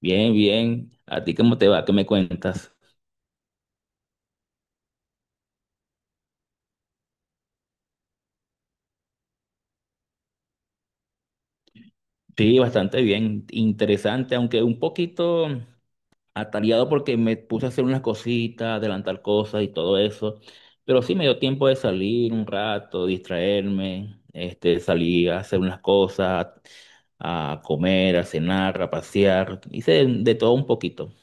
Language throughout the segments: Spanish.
Bien, bien. ¿A ti cómo te va? ¿Qué me cuentas? Sí, bastante bien. Interesante, aunque un poquito atareado porque me puse a hacer unas cositas, adelantar cosas y todo eso. Pero sí me dio tiempo de salir un rato, distraerme. Salí a hacer unas cosas, a comer, a cenar, a pasear. Hice de todo un poquito.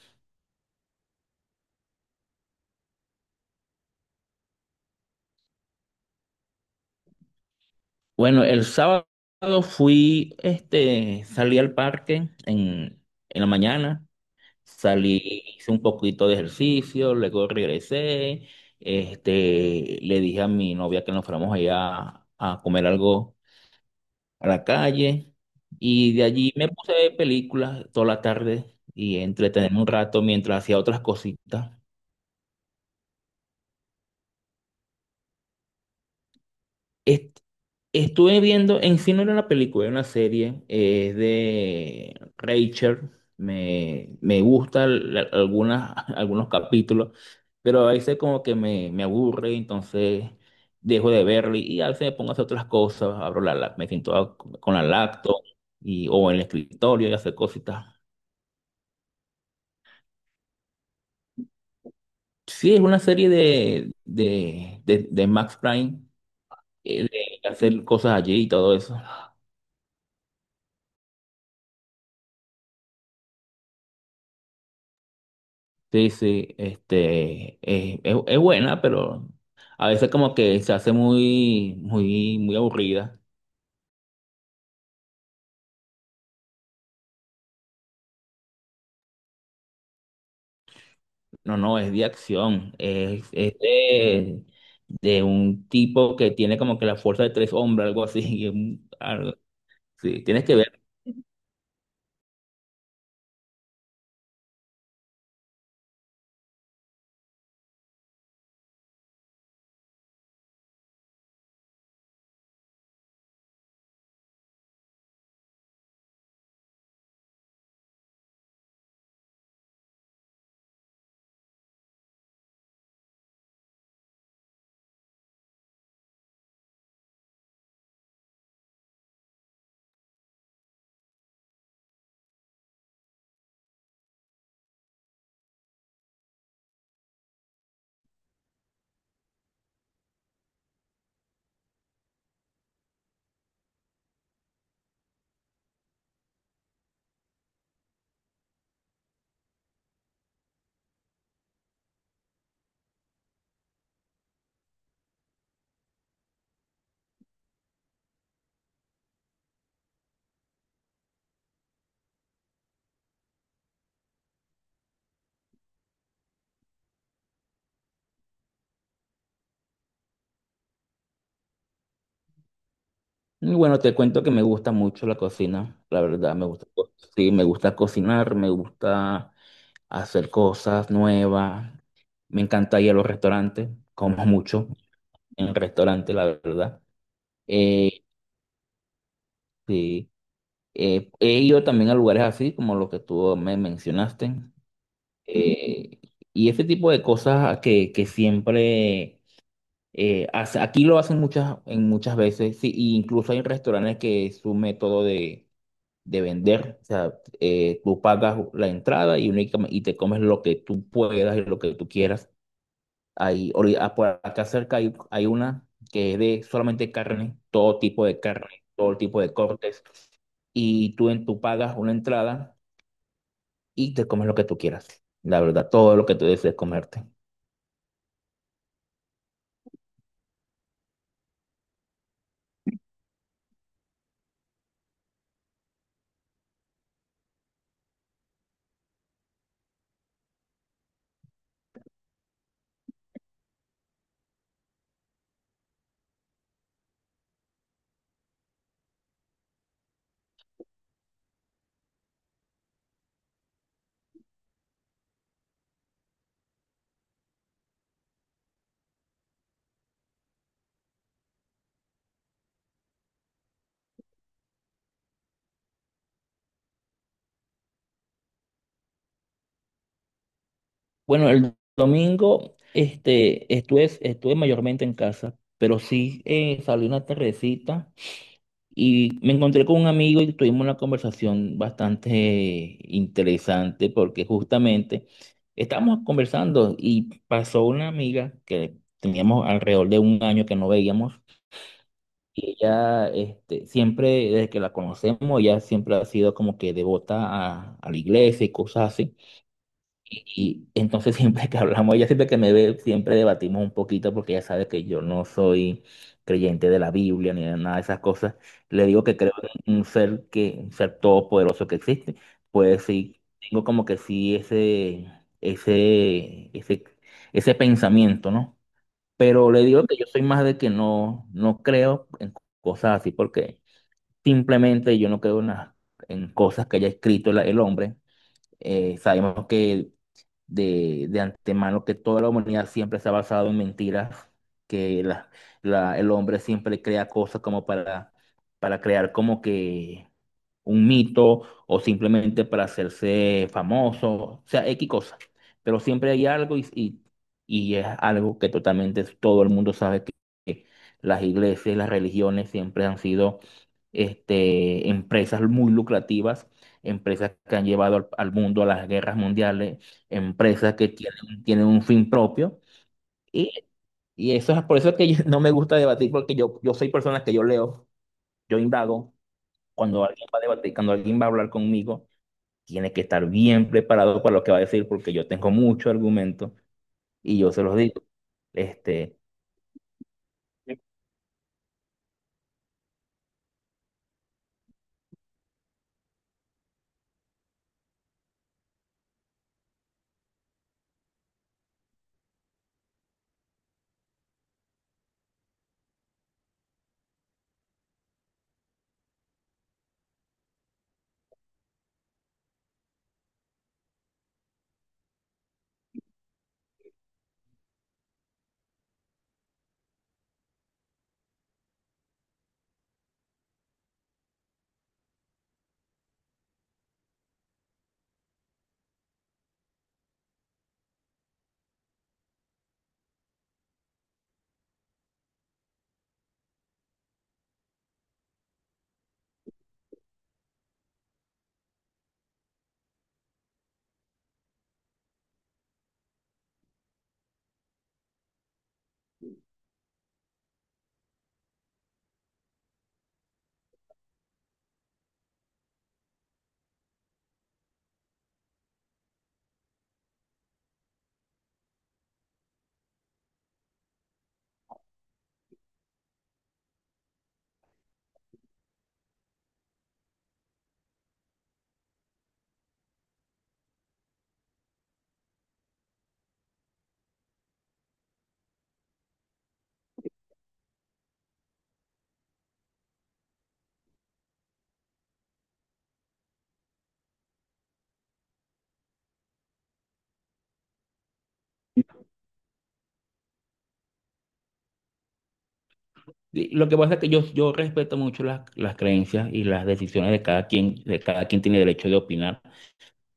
Bueno, el sábado fui, salí al parque en la mañana. Salí, hice un poquito de ejercicio, luego regresé, le dije a mi novia que nos fuéramos allá a comer algo a la calle, y de allí me puse a ver películas toda la tarde y entretenerme un rato mientras hacía otras cositas. Est- Estuve viendo, en sí no era una película, era una serie, es de Rachel. Me gustan algunas, algunos capítulos, pero a veces como que me aburre, entonces dejo de verlo, y a veces me pongo a hacer otras cosas, abro me siento con la laptop y, o en el escritorio, y hacer cositas. Sí, es una serie de Max Prime, eh, de hacer cosas allí y todo eso. Sí, sí, es, es buena, pero a veces como que se hace muy, muy, muy aburrida. No, no, es de acción, es de un tipo que tiene como que la fuerza de tres hombres, algo así. Y es sí, tienes que ver. Y bueno, te cuento que me gusta mucho la cocina, la verdad, me gusta, sí, me gusta cocinar, me gusta hacer cosas nuevas, me encanta ir a los restaurantes, como mucho en restaurantes, la verdad. Eh, sí. He ido también a lugares así, como los que tú me mencionaste. eh, y ese tipo de cosas que siempre aquí lo hacen muchas, en muchas veces. Sí, y incluso hay restaurantes que es su método de vender. O sea, tú pagas la entrada y, únicamente, y te comes lo que tú puedas y lo que tú quieras. Por acá cerca hay una que es de solamente carne, todo tipo de carne, todo tipo de cortes. Y tú, tú pagas una entrada y te comes lo que tú quieras. La verdad, todo lo que tú desees comerte. Bueno, el domingo estuve, estuve mayormente en casa, pero sí, salí una tardecita y me encontré con un amigo, y tuvimos una conversación bastante interesante porque justamente estábamos conversando y pasó una amiga que teníamos alrededor de un año que no veíamos, y ella, siempre, desde que la conocemos, ella siempre ha sido como que devota a la iglesia y cosas así. Y entonces siempre que hablamos, ella, siempre que me ve, siempre debatimos un poquito porque ella sabe que yo no soy creyente de la Biblia ni de nada de esas cosas. Le digo que creo en un ser que, un ser todopoderoso que existe. Pues sí, tengo como que sí ese, ese, ese pensamiento, ¿no? Pero le digo que yo soy más de que no, no creo en cosas así, porque simplemente yo no creo en cosas que haya escrito el hombre. Sabemos que de antemano que toda la humanidad siempre se ha basado en mentiras, que el hombre siempre crea cosas como para crear como que un mito, o simplemente para hacerse famoso, o sea, X cosa. Pero siempre hay algo, y es algo que totalmente todo el mundo sabe que las iglesias, las religiones siempre han sido, empresas muy lucrativas, empresas que han llevado al mundo a las guerras mundiales, empresas que tienen un fin propio. Y, y eso es por eso que no me gusta debatir, porque yo soy persona que yo leo, yo indago. Cuando alguien va a debatir, cuando alguien va a hablar conmigo, tiene que estar bien preparado para lo que va a decir, porque yo tengo mucho argumento y yo se los digo. Este, y lo que pasa es que yo respeto mucho las creencias y las decisiones de cada quien tiene derecho de opinar.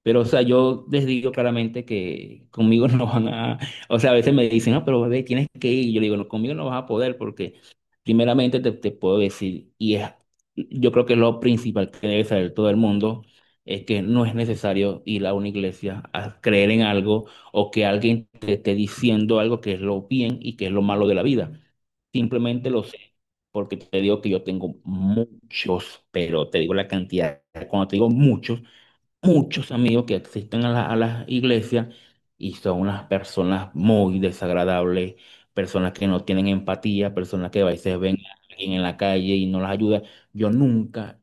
Pero, o sea, yo les digo claramente que conmigo no van a, o sea, a veces me dicen, no, pero bebé, tienes que ir. Y yo le digo, no, conmigo no vas a poder porque primeramente te puedo decir, y es, yo creo que lo principal que debe saber todo el mundo es que no es necesario ir a una iglesia a creer en algo, o que alguien te esté diciendo algo que es lo bien y que es lo malo de la vida. Simplemente lo sé, porque te digo que yo tengo muchos, pero te digo la cantidad, cuando te digo muchos, muchos amigos que asisten a las iglesias, y son unas personas muy desagradables, personas que no tienen empatía, personas que a veces ven a alguien en la calle y no las ayuda. Yo nunca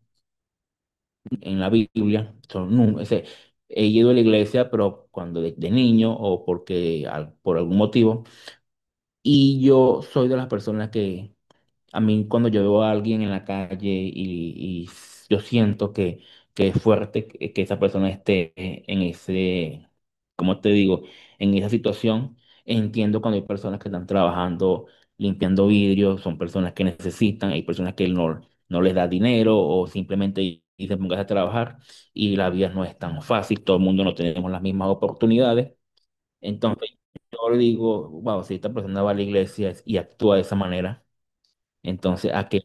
en la Biblia, son, nun- ese, he ido a la iglesia, pero cuando de niño o porque por algún motivo, y yo soy de las personas que, a mí cuando yo veo a alguien en la calle, y yo siento que es fuerte que esa persona esté en ese, ¿cómo te digo? En esa situación, entiendo cuando hay personas que están trabajando limpiando vidrios, son personas que necesitan, hay personas que no, no les da dinero o simplemente dicen póngase a trabajar, y la vida no es tan fácil, todo el mundo no tenemos las mismas oportunidades. Entonces yo digo, wow, si esta persona va a la iglesia y actúa de esa manera, entonces ¿a qué?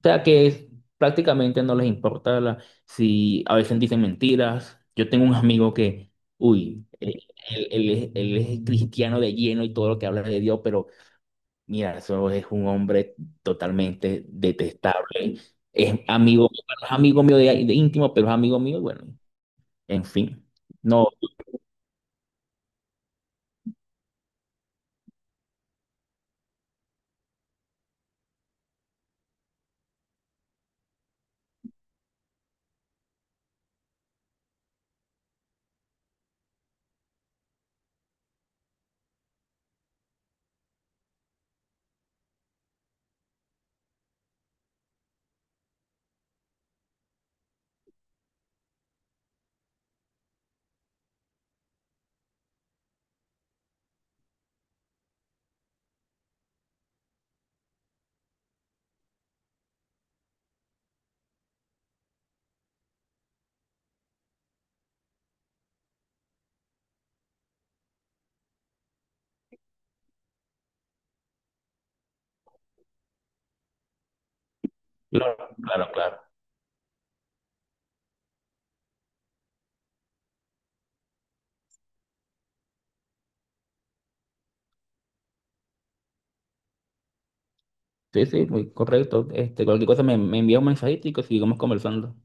O sea que prácticamente no les importa si a veces dicen mentiras. Yo tengo un amigo que, uy, él, él es cristiano de lleno, y todo lo que habla es de Dios, pero mira, eso es un hombre totalmente detestable. Es amigo, bueno, es amigo mío de íntimo, pero es amigo mío, y bueno, en fin. No, claro, claro, claro. Sí, sí, muy correcto. Cualquier cosa me envía un mensajito, y que sigamos conversando.